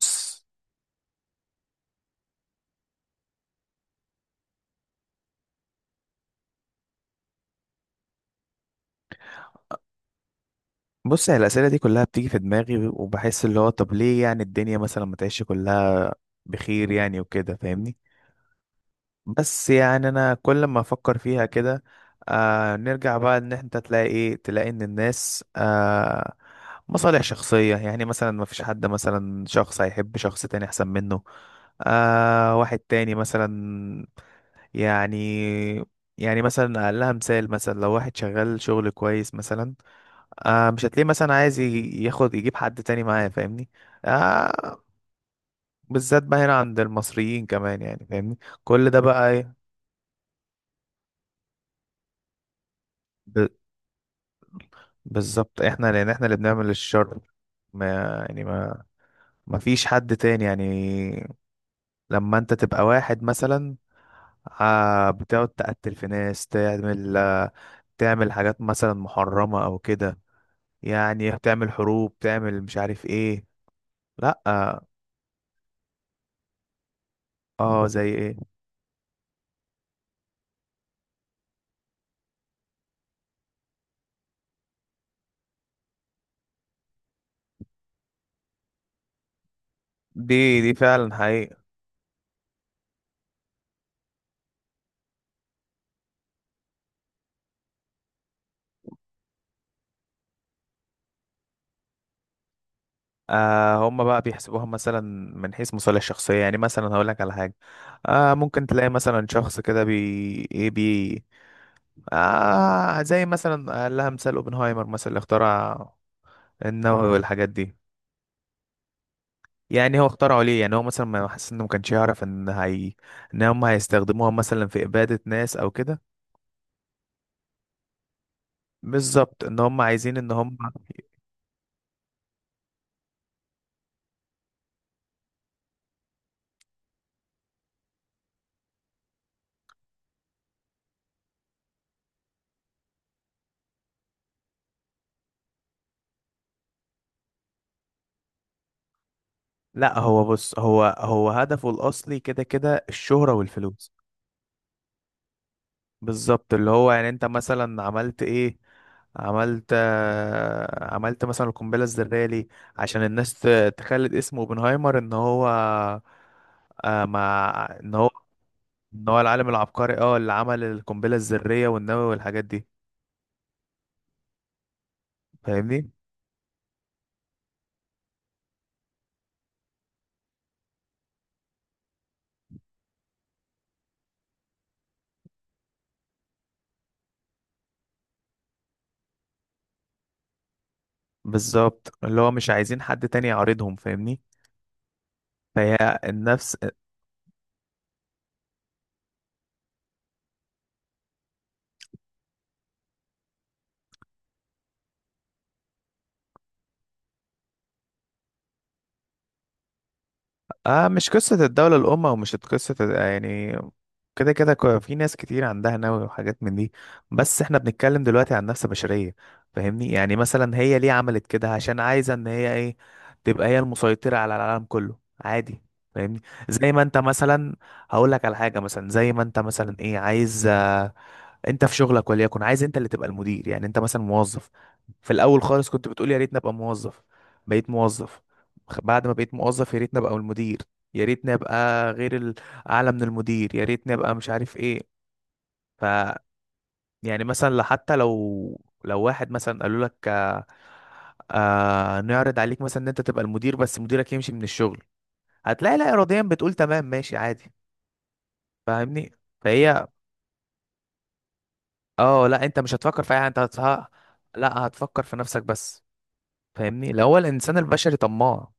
بص بص، هي الأسئلة دي كلها بتيجي في دماغي، وبحس اللي هو طب ليه؟ يعني الدنيا مثلا ما تعيش كلها بخير، يعني وكده فاهمني؟ بس يعني أنا كل ما أفكر فيها كده، نرجع بقى إن أنت تلاقي إيه، تلاقي إن الناس مصالح شخصية. يعني مثلا ما فيش حد، مثلا شخص هيحب شخص تاني أحسن منه، واحد تاني مثلا. يعني يعني مثلا أقلها مثال، مثلا لو واحد شغال شغل كويس مثلا، مش هتلاقيه مثلا عايز ياخد يجيب حد تاني معاه، فاهمني؟ آه بالذات بقى هنا عند المصريين كمان، يعني فاهمني؟ كل ده بقى ايه؟ ب- بالظبط احنا، لان احنا اللي بنعمل الشر. ما يعني ما ما فيش حد تاني، يعني لما انت تبقى واحد مثلا، بتقعد تقتل في ناس، تعمل تعمل حاجات مثلا محرمة او كده، يعني تعمل حروب، تعمل مش عارف ايه. لا. اه، زي ايه؟ دي فعلا حقيقة. هم بقى بيحسبوها مثلا من حيث مصالح شخصية، يعني مثلا هقول لك على حاجة. ممكن تلاقي مثلا شخص كده بي ايه بي زي مثلا قال لها مثال اوبنهايمر، مثلا اللي اخترع النووي والحاجات دي. يعني هو اخترعه ليه؟ يعني هو مثلا ما حاسس انه، ما كانش يعرف ان هي، ان هم هيستخدموها مثلا في إبادة ناس او كده؟ بالظبط، ان هم عايزين ان هم... لا، هو بص، هو هدفه الاصلي كده كده الشهرة والفلوس. بالظبط اللي هو، يعني انت مثلا عملت ايه؟ عملت مثلا القنبله الذريه ليه؟ عشان الناس تخلد اسم اوبنهايمر ان هو، آه مع ان هو ان هو العالم العبقري اللي عمل القنبله الذريه والنووي والحاجات دي. فاهمني؟ بالظبط اللي هو مش عايزين حد تاني يعارضهم، فاهمني؟ فهي النفس مش قصة الدولة الأم، أو مش قصة يعني. كده كده، في ناس كتير عندها نووي وحاجات من دي، بس احنا بنتكلم دلوقتي عن نفس بشرية. فاهمني؟ يعني مثلا هي ليه عملت كده؟ عشان عايزة ان هي ايه، تبقى هي المسيطرة على العالم كله عادي. فاهمني؟ زي ما انت مثلا، هقول لك على حاجة. مثلا زي ما انت مثلا ايه عايز انت في شغلك، وليكن عايز انت اللي تبقى المدير. يعني انت مثلا موظف في الاول خالص، كنت بتقول يا ريتني ابقى موظف. بقيت موظف، بعد ما بقيت موظف يا ريتني ابقى المدير، يا ريتني ابقى غير اعلى من المدير، يا ريتني ابقى مش عارف ايه. ف يعني مثلا حتى لو واحد مثلا قالوا لك نعرض عليك مثلا ان انت تبقى المدير بس مديرك يمشي من الشغل، هتلاقي لا اراديا بتقول تمام ماشي عادي. فاهمني؟ فهي اه لا، انت مش هتفكر في اي حاجه، لا، هتفكر في نفسك بس. فاهمني؟ اللي هو الانسان البشري طماع.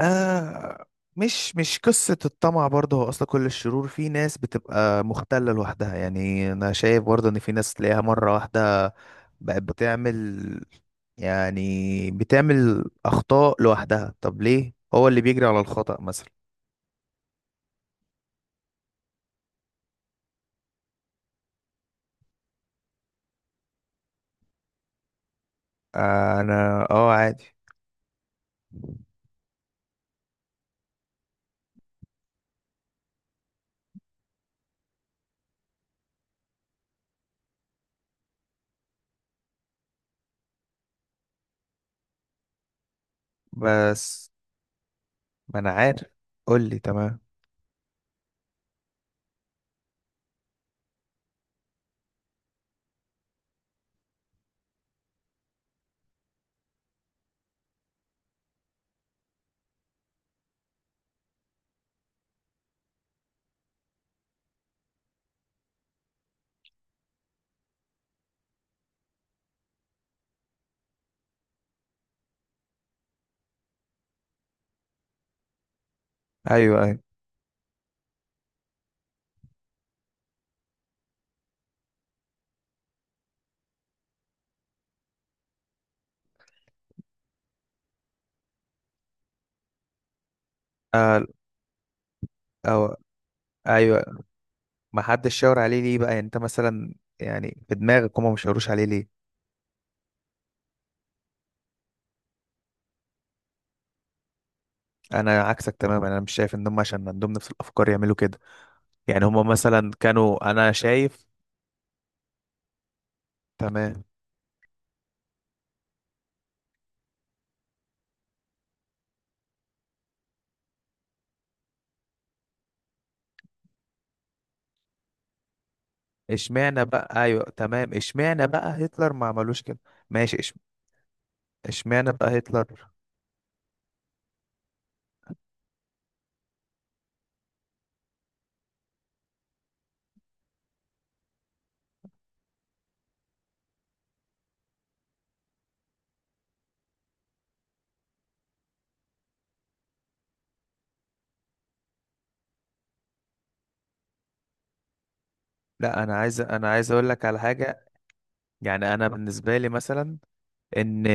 آه مش قصة الطمع برضه هو أصل كل الشرور، في ناس بتبقى مختلة لوحدها، يعني أنا شايف برضه إن في ناس تلاقيها مرة واحدة بقت بتعمل، يعني بتعمل أخطاء لوحدها. طب ليه؟ هو اللي بيجري على الخطأ مثلا. أنا عادي. بس ما أنا عارف. قول لي تمام. أيوه، أيوه، آه. أو، أيوه. ما حدش شاور عليه ليه بقى؟ يعني انت مثلا، يعني في دماغك هما مش شاوروش عليه ليه؟ انا عكسك تماما، انا مش شايف ان هم عشان عندهم نفس الافكار يعملوا كده. يعني هما مثلا كانوا، انا شايف. تمام. اشمعنى بقى؟ ايوه تمام، اشمعنى بقى هتلر ما عملوش كده؟ ماشي، اشمعنى بقى هتلر؟ لا، انا عايز، اقول لك على حاجه. يعني انا بالنسبه لي مثلا، ان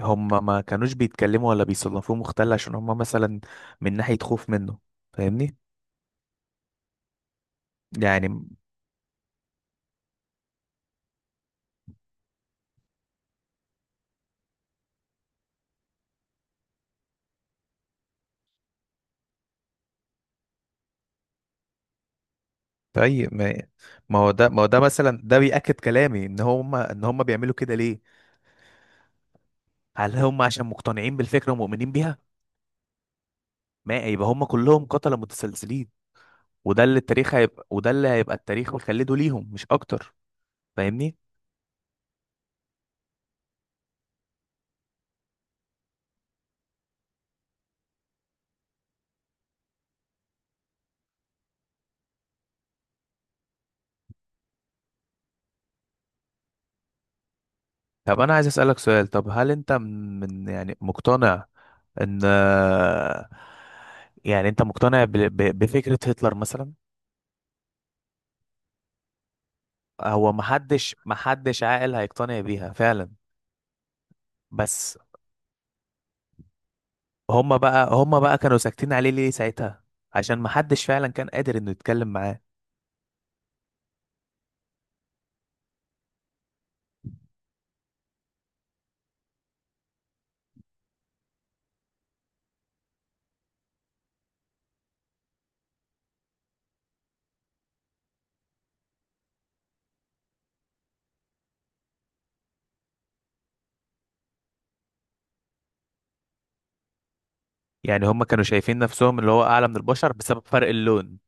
هم ما كانوش بيتكلموا ولا بيصنفوه مختل، عشان هم مثلا من ناحيه خوف منه. فاهمني؟ يعني طيب ما، ما هو ده مثلا ده بيأكد كلامي ان هم، بيعملوا كده ليه؟ هل هم عشان مقتنعين بالفكره ومؤمنين بيها؟ ما يبقى هم كلهم قتله متسلسلين، وده اللي هيبقى التاريخ مخلده ليهم مش اكتر. فاهمني؟ طب انا عايز اسألك سؤال، طب هل انت يعني مقتنع، ان يعني انت مقتنع بفكره هتلر مثلا؟ هو محدش عاقل هيقتنع بيها فعلا. بس هما بقى كانوا ساكتين عليه ليه ساعتها؟ عشان محدش فعلا كان قادر انه يتكلم معاه. يعني هما كانوا شايفين نفسهم اللي هو اعلى من البشر بسبب فرق اللون؟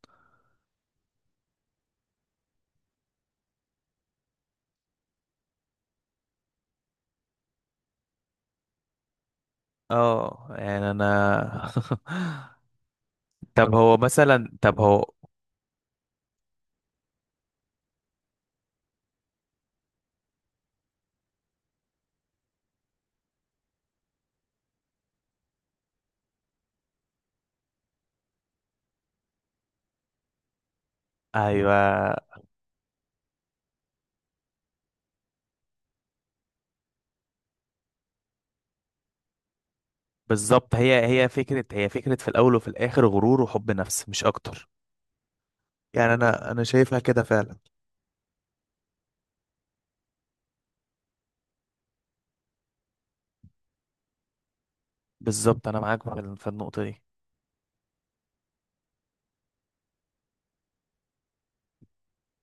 اه يعني انا طب هو مثلا، طب هو ايوه بالظبط، هي فكرة في الاول وفي الاخر غرور وحب نفس مش اكتر. يعني انا شايفها كده فعلا. بالظبط انا معاك في في النقطة دي.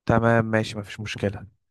تمام ماشي، مفيش مشكلة.